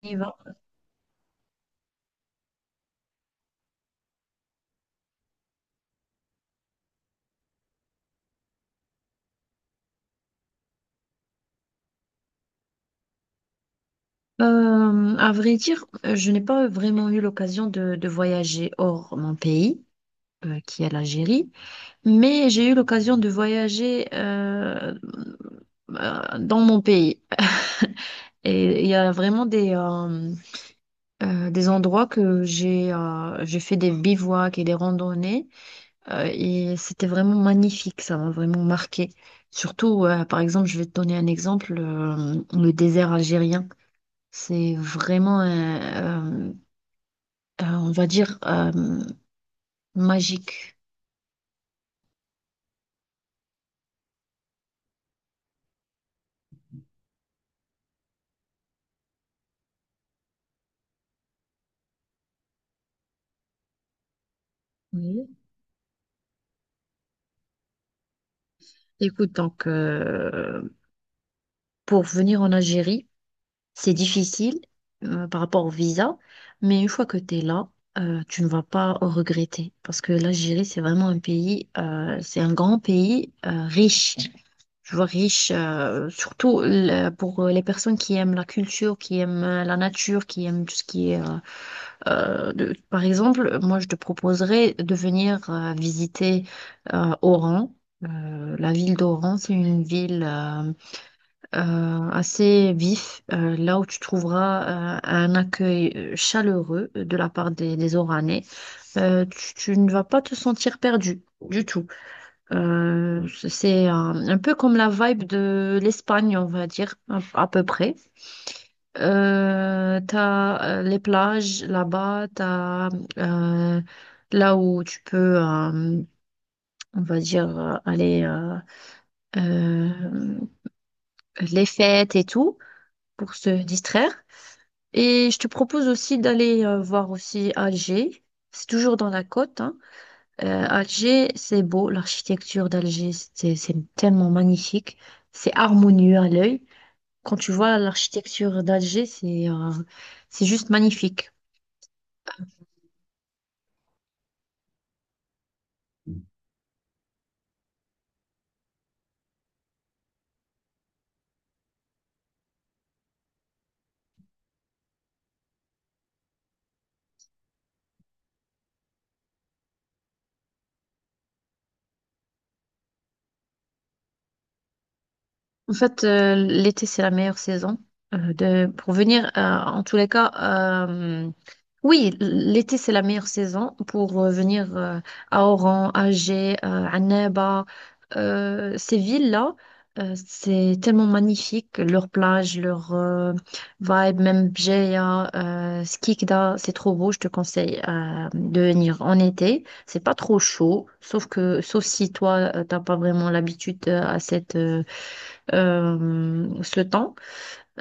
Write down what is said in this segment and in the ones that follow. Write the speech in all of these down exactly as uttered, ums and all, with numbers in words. Y va. Euh, à vrai dire, euh, je n'ai pas vraiment eu l'occasion de, de voyager hors mon pays, euh, qui est l'Algérie, mais j'ai eu l'occasion de voyager euh, euh, dans mon pays. Et il y a vraiment des, euh, euh, des endroits que j'ai euh, j'ai fait des bivouacs et des randonnées euh, et c'était vraiment magnifique, ça m'a vraiment marqué. Surtout, euh, par exemple, je vais te donner un exemple, euh, le désert algérien. C'est vraiment, euh, euh, euh, on va dire, euh, magique. Oui. Écoute, donc, euh, pour venir en Algérie, c'est difficile euh, par rapport au visa, mais une fois que tu es là, euh, tu ne vas pas regretter parce que l'Algérie, c'est vraiment un pays, euh, c'est un grand pays euh, riche. Je vois riche, euh, surtout le- pour les personnes qui aiment la culture, qui aiment euh, la nature, qui aiment tout ce qui est euh. Euh, de- par exemple, moi, je te proposerais de venir euh, visiter euh, Oran. Euh, la ville d'Oran, c'est une ville euh, euh, assez vif, euh, là où tu trouveras euh, un accueil euh, chaleureux de la part des, des Oranais. Euh, tu, tu ne vas pas te sentir perdu du tout. Euh, c'est un, un peu comme la vibe de l'Espagne, on va dire, à à peu près. Euh, t'as euh, les plages là-bas, t'as euh, là où tu peux, euh, on va dire, euh, aller euh, euh, les fêtes et tout pour se distraire. Et je te propose aussi d'aller euh, voir aussi Alger. C'est toujours dans la côte, hein. Euh, Alger, c'est beau, l'architecture d'Alger, c'est c'est tellement magnifique, c'est harmonieux à l'œil. Quand tu vois l'architecture d'Alger, c'est euh, c'est juste magnifique. En fait, euh, l'été, c'est la meilleure saison euh, de, pour venir. Euh, en tous les cas, euh, oui, l'été, c'est la meilleure saison pour euh, venir euh, à Oran, à Alger, euh, à Annaba. Euh, ces villes-là, euh, c'est tellement magnifique. Leur plage, leur euh, vibe, même Bjeya, euh, Skikda, c'est trop beau. Je te conseille euh, de venir en été. C'est pas trop chaud, sauf que, sauf si toi, euh, t'as pas vraiment l'habitude euh, à cette. euh, euh, ce temps.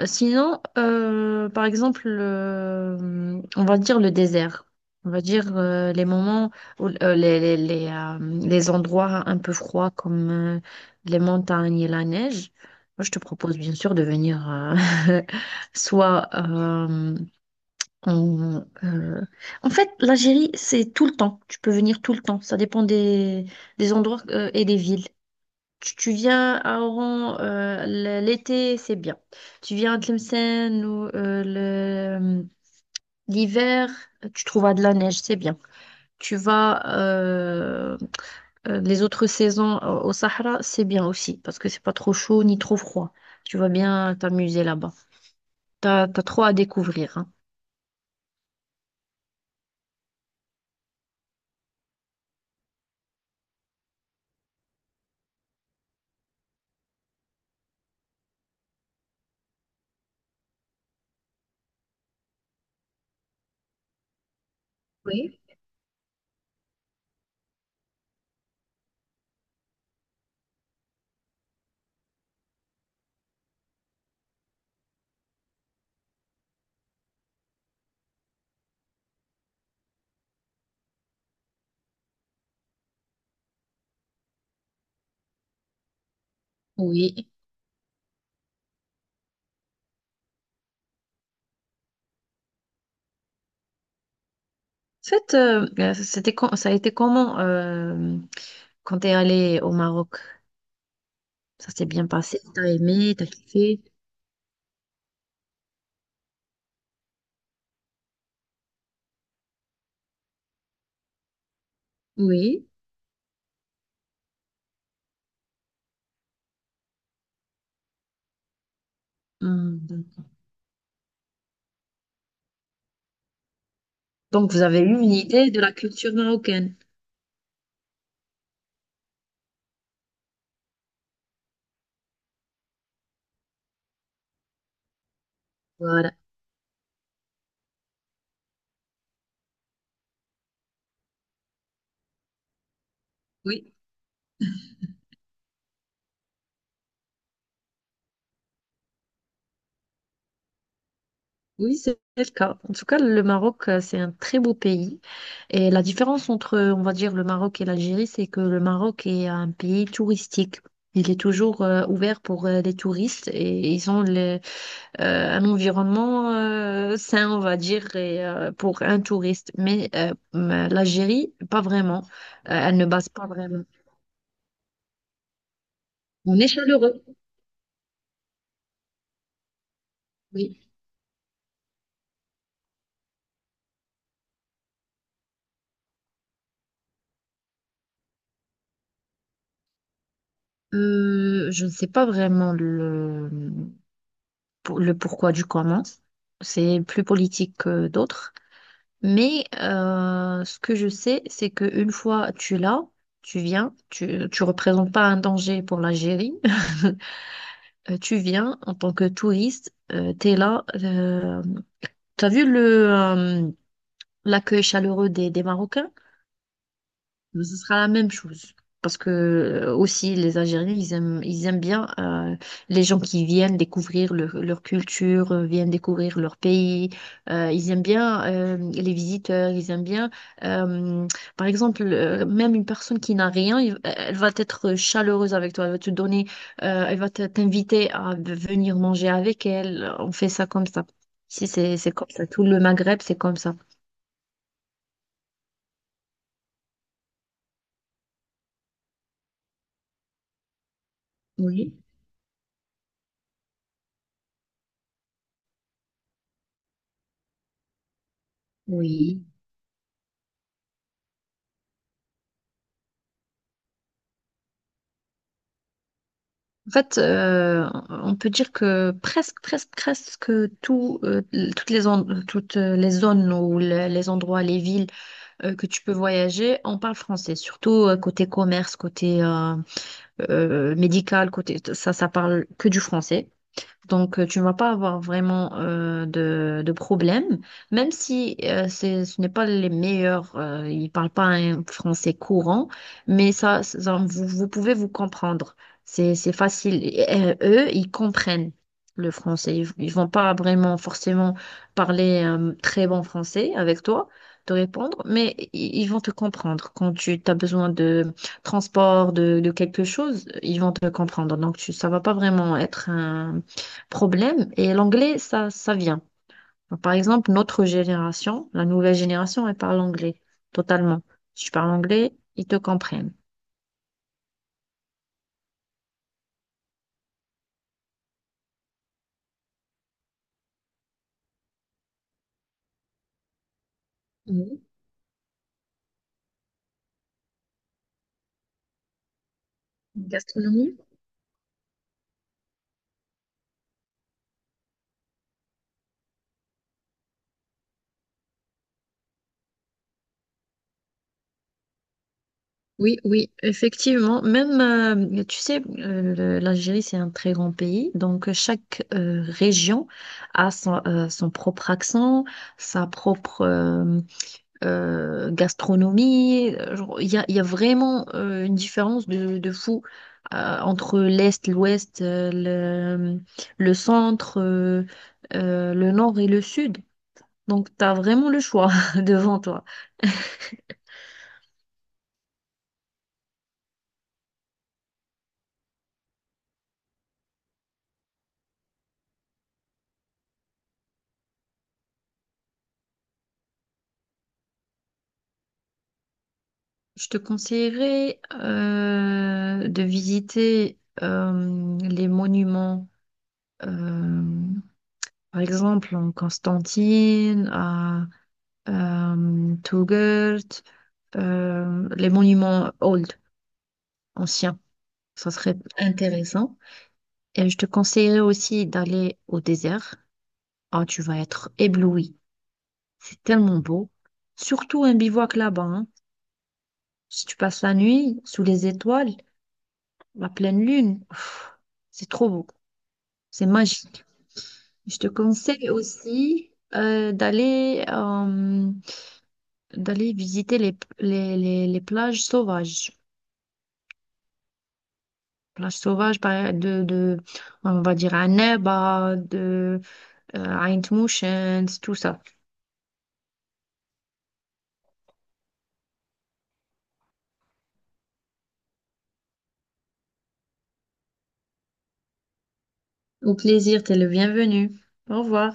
Sinon, euh, par exemple, euh, on va dire le désert. On va dire euh, les moments où euh, les, les, les, euh, les endroits un peu froids comme euh, les montagnes et la neige. Moi, je te propose bien sûr de venir euh, soit euh, en, euh, en fait, l'Algérie, c'est tout le temps. Tu peux venir tout le temps. Ça dépend des, des endroits euh, et des villes. Tu, tu viens à Oran euh, l- l'été, c'est bien. Tu viens à Tlemcen ou euh, le- euh, l'hiver, tu trouveras de la neige, c'est bien. Tu vas euh, euh, les autres saisons euh, au Sahara, c'est bien aussi parce que c'est pas trop chaud ni trop froid. Tu vas bien t'amuser là-bas. T'as, t'as trop à découvrir. Hein. Oui. Oui. En fait, euh, euh, c'était, com- ça a été comment euh, quand t'es allé au Maroc? Ça s'est bien passé? T'as aimé? T'as kiffé? Oui. Hmm, donc donc, vous avez eu une idée de la culture marocaine. Voilà. Oui, oui, c'est le cas. En tout cas, le Maroc, euh, c'est un très beau pays. Et la différence entre, on va dire, le Maroc et l'Algérie, c'est que le Maroc est un pays touristique. Il est toujours euh, ouvert pour euh, les touristes et ils ont le- euh, un environnement euh, sain, on va dire, et, euh, pour un touriste. Mais euh, l'Algérie, pas vraiment. Euh, elle ne base pas vraiment. On est chaleureux. Oui. Euh, je ne sais pas vraiment le, pour- le pourquoi du comment. C'est plus politique que d'autres. Mais euh, ce que je sais, c'est qu'une fois tu l'as, tu viens, tu, tu représentes pas un danger pour l'Algérie. Euh, tu viens en tant que touriste, tu es là. Tu as vu le, euh, l'accueil chaleureux des, des Marocains? Mais ce sera la même chose. Parce que euh, aussi, les Algériens, ils aiment, ils aiment bien euh, les gens qui viennent découvrir leur leur culture, euh, viennent découvrir leur pays. Euh, ils aiment bien euh, les visiteurs, ils aiment bien, euh, par exemple, euh, même une personne qui n'a rien, il- elle va être chaleureuse avec toi, elle va te donner, euh, elle va te- t'inviter à venir manger avec elle. On fait ça comme ça. Si c'est c'est comme ça, tout le Maghreb, c'est comme ça. Oui, oui. En fait, euh, on peut dire que presque, presque, presque tout, euh, toutes les, en- toutes les zones ou le- les endroits, les villes euh, que tu peux voyager, on parle français, surtout euh, côté commerce, côté euh, euh, médical, côté ça, ça parle que du français. Donc, euh, tu ne vas pas avoir vraiment euh, de, de problème, même si euh, c'est, ce n'est pas les meilleurs, euh, ils ne parlent pas un français courant, mais ça, ça- vous, vous pouvez vous comprendre. C'est, c'est facile. Et, euh, eux, ils comprennent le français. Ils ne vont pas vraiment forcément parler un très bon français avec toi, te répondre, mais i- ils vont te comprendre. Quand tu as besoin de transport, de, de quelque chose, ils vont te comprendre. Donc, tu, ça va pas vraiment être un problème. Et l'anglais, ça, ça vient. Par exemple, notre génération, la nouvelle génération, elle parle anglais totalement. Si tu parles anglais, ils te comprennent. Mhm. Gastronomie? Oui, oui, effectivement. Même, euh, tu sais, euh, le- l'Algérie, c'est un très grand pays. Donc, chaque euh, région a son, euh, son propre accent, sa propre, euh, euh, gastronomie. Euh, genre, il y a, il y a vraiment euh, une différence de, de fou euh, entre l'Est, l'Ouest, euh, le, le centre, euh, euh, le Nord et le Sud. Donc, tu as vraiment le choix devant toi. Je te conseillerais euh, de visiter euh, les monuments, euh, par exemple en Constantine, à euh, Touggourt, euh, les monuments old ancien. Ça serait intéressant. Et je te conseillerais aussi d'aller au désert. Ah, tu vas être ébloui. C'est tellement beau. Surtout un bivouac là-bas. Hein. Si tu passes la nuit sous les étoiles, la pleine lune, pff, c'est trop beau. C'est magique. Je te conseille aussi euh, d'aller euh, d'aller visiter les, les, les, les plages sauvages. Plages sauvages par- de, de, on va dire, à Neba, de euh, à Intuitions, tout ça. Au plaisir, t'es le bienvenu. Au revoir.